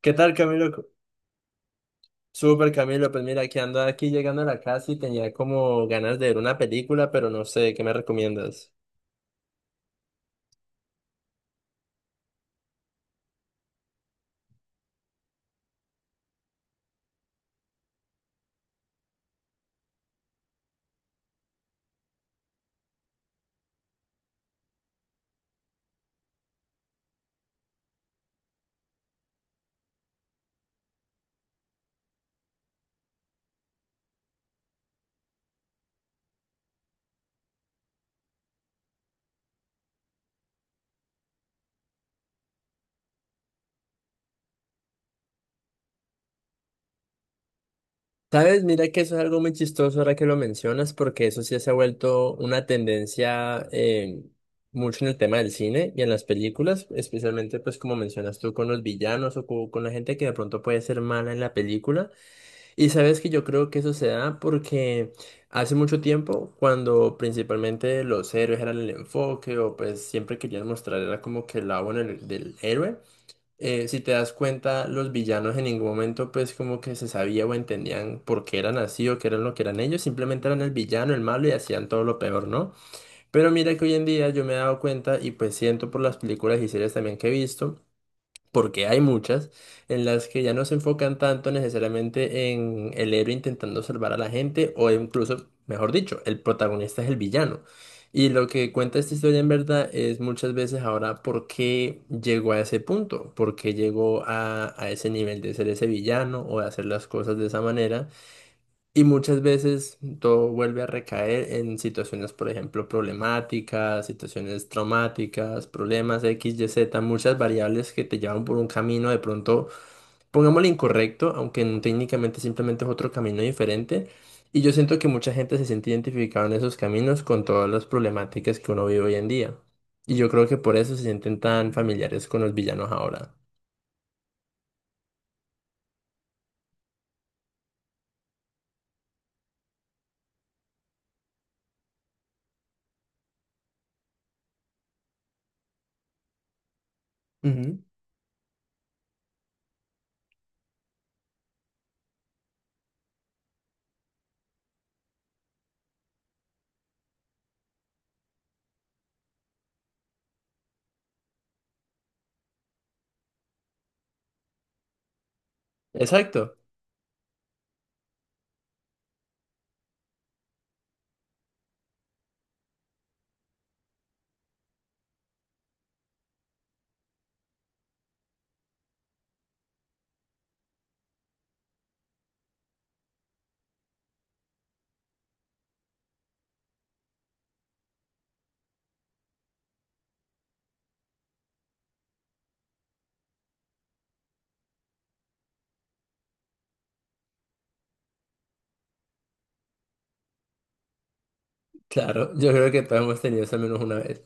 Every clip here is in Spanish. ¿Qué tal, Camilo? Súper, Camilo. Pues mira, que ando aquí llegando a la casa y tenía como ganas de ver una película, pero no sé, ¿qué me recomiendas? ¿Sabes? Mira que eso es algo muy chistoso ahora que lo mencionas, porque eso sí se ha vuelto una tendencia mucho en el tema del cine y en las películas, especialmente pues como mencionas tú con los villanos o con la gente que de pronto puede ser mala en la película. Y sabes que yo creo que eso se da porque hace mucho tiempo, cuando principalmente los héroes eran el enfoque o pues siempre querían mostrar era como que el lado bueno del héroe, si te das cuenta, los villanos en ningún momento pues como que se sabía o entendían por qué eran así o qué eran lo que eran ellos, simplemente eran el villano, el malo y hacían todo lo peor, ¿no? Pero mira que hoy en día yo me he dado cuenta y pues siento por las películas y series también que he visto porque hay muchas, en las que ya no se enfocan tanto necesariamente en el héroe intentando salvar a la gente o incluso, mejor dicho, el protagonista es el villano. Y lo que cuenta esta historia en verdad es muchas veces ahora por qué llegó a ese punto, por qué llegó a ese nivel de ser ese villano o de hacer las cosas de esa manera. Y muchas veces todo vuelve a recaer en situaciones, por ejemplo, problemáticas, situaciones traumáticas, problemas X, Y, Z, muchas variables que te llevan por un camino de pronto, pongámosle incorrecto, aunque técnicamente simplemente es otro camino diferente. Y yo siento que mucha gente se siente identificada en esos caminos con todas las problemáticas que uno vive hoy en día. Y yo creo que por eso se sienten tan familiares con los villanos ahora. Ujú. Exacto, claro, yo creo que todos hemos tenido eso al menos una vez.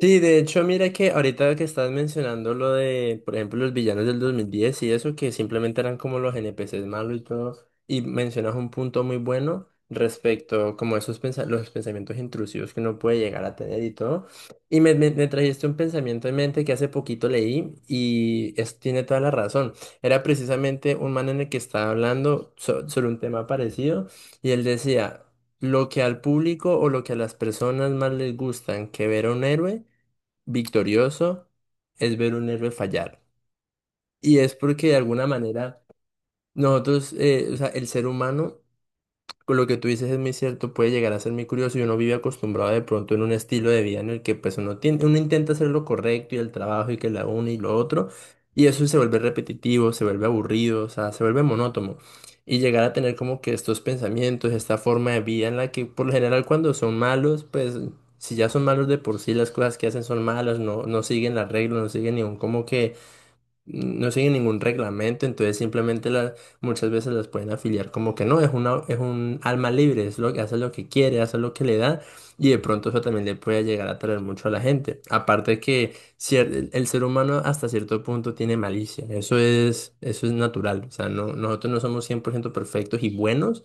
Sí, de hecho, mira que ahorita que estás mencionando lo de, por ejemplo, los villanos del 2010 y eso, que simplemente eran como los NPCs malos y todo, y mencionas un punto muy bueno respecto como esos los pensamientos intrusivos que uno puede llegar a tener y todo. Y me trajiste un pensamiento en mente que hace poquito leí y es, tiene toda la razón. Era precisamente un man en el que estaba hablando sobre un tema parecido y él decía... Lo que al público o lo que a las personas más les gustan que ver a un héroe victorioso es ver un héroe fallar. Y es porque de alguna manera nosotros, o sea, el ser humano con lo que tú dices es muy cierto, puede llegar a ser muy curioso y uno vive acostumbrado de pronto en un estilo de vida en el que pues uno tiene, uno intenta hacer lo correcto y el trabajo y que la una y lo otro, y eso se vuelve repetitivo, se vuelve aburrido, o sea, se vuelve monótono. Y llegar a tener como que estos pensamientos, esta forma de vida en la que por lo general cuando son malos, pues si ya son malos de por sí, las cosas que hacen son malas, no, no siguen las reglas, no siguen ningún como que no siguen ningún reglamento, entonces simplemente muchas veces las pueden afiliar como que no, es una, es un alma libre, es lo que hace lo que quiere, hace lo que le da, y de pronto eso también le puede llegar a traer mucho a la gente. Aparte que el ser humano hasta cierto punto tiene malicia, eso es natural, o sea, no, nosotros no somos 100% perfectos y buenos,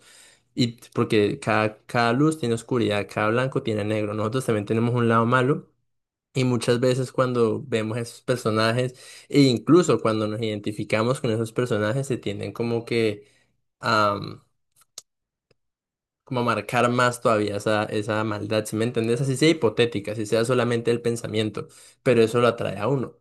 y porque cada luz tiene oscuridad, cada blanco tiene negro, nosotros también tenemos un lado malo. Y muchas veces cuando vemos esos personajes, e incluso cuando nos identificamos con esos personajes, se tienden como que a, como a marcar más todavía esa maldad, ¿sí me entendés? Así sea hipotética, así sea solamente el pensamiento, pero eso lo atrae a uno.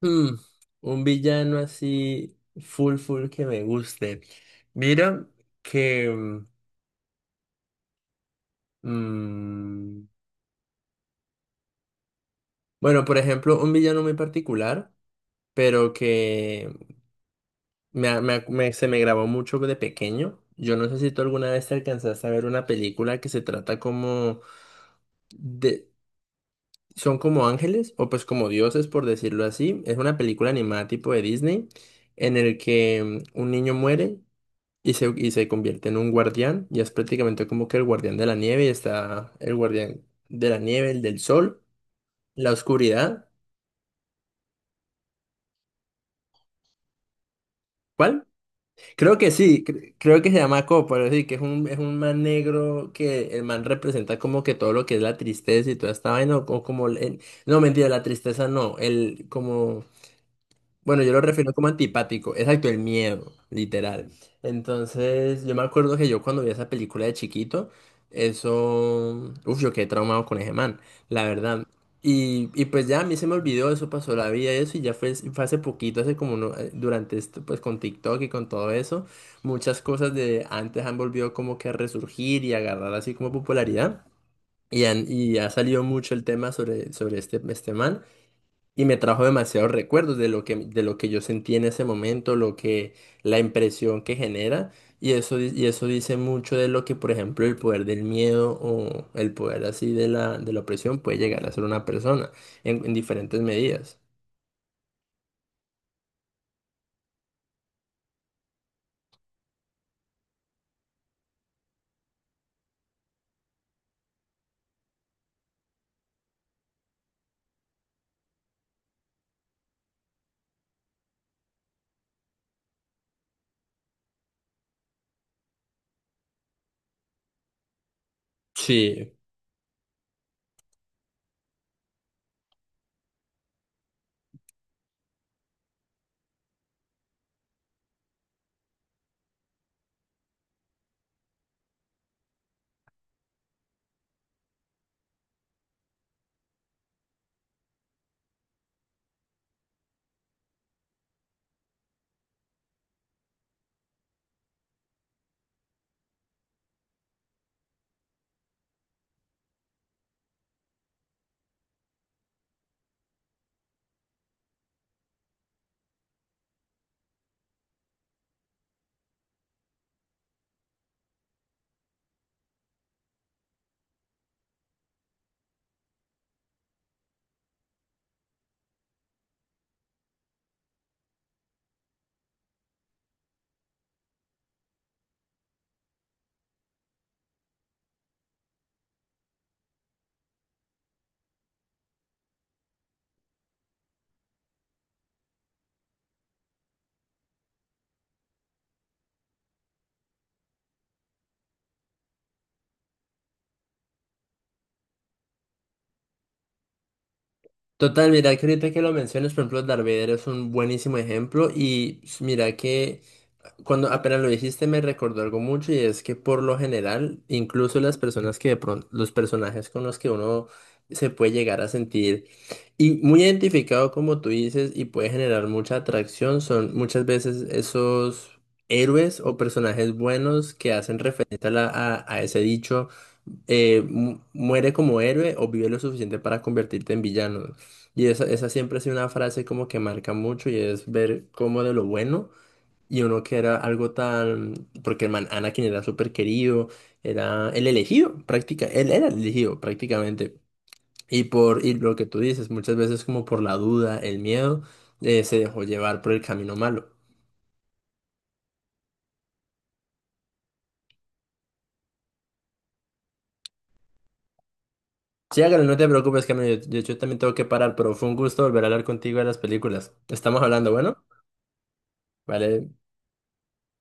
Hmm, un villano así full full que me guste. Mira que... mm, bueno, por ejemplo, un villano muy particular, pero que se me grabó mucho de pequeño. Yo no sé si tú alguna vez te alcanzaste a ver una película que se trata como de... Son como ángeles o pues como dioses, por decirlo así. Es una película animada tipo de Disney en el que un niño muere y se convierte en un guardián y es prácticamente como que el guardián de la nieve y está el guardián de la nieve, el del sol, la oscuridad. ¿Cuál? Creo que sí, creo que se llama Copo, sí, que es un man negro que el man representa como que todo lo que es la tristeza y toda esta vaina, o como, no, mentira, la tristeza no, el, como bueno, yo lo refiero como antipático, exacto, el miedo, literal. Entonces, yo me acuerdo que yo cuando vi esa película de chiquito, eso, uf, yo quedé traumado con ese man, la verdad. Y pues ya a mí se me olvidó, eso pasó la vida, eso, y ya fue, fue hace poquito, hace como durante esto, pues con TikTok y con todo eso, muchas cosas de antes han volvido como que a resurgir y a agarrar así como popularidad. Y, y ha salido mucho el tema sobre este man. Y me trajo demasiados recuerdos de lo que yo sentí en ese momento, lo que, la impresión que genera. Y eso, y eso dice mucho de lo que, por ejemplo, el poder del miedo o el poder así de de la opresión puede llegar a ser una persona en diferentes medidas. Sí. Total, mira que ahorita que lo mencionas, por ejemplo, Darth Vader es un buenísimo ejemplo y mira que cuando apenas lo dijiste me recordó algo mucho y es que por lo general, incluso las personas que de pronto, los personajes con los que uno se puede llegar a sentir y muy identificado como tú dices y puede generar mucha atracción son muchas veces esos héroes o personajes buenos que hacen referencia a, a ese dicho, muere como héroe o vive lo suficiente para convertirte en villano. Y esa siempre ha sido una frase como que marca mucho y es ver cómo de lo bueno. Y uno que era algo tan... Porque el man Anakin era súper querido, era el elegido, práctica, él era el elegido prácticamente. Y por lo que tú dices, muchas veces como por la duda, el miedo, se dejó llevar por el camino malo. Sí, hágale, no te preocupes, Camilo, yo también tengo que parar, pero fue un gusto volver a hablar contigo de las películas. Estamos hablando, bueno, vale.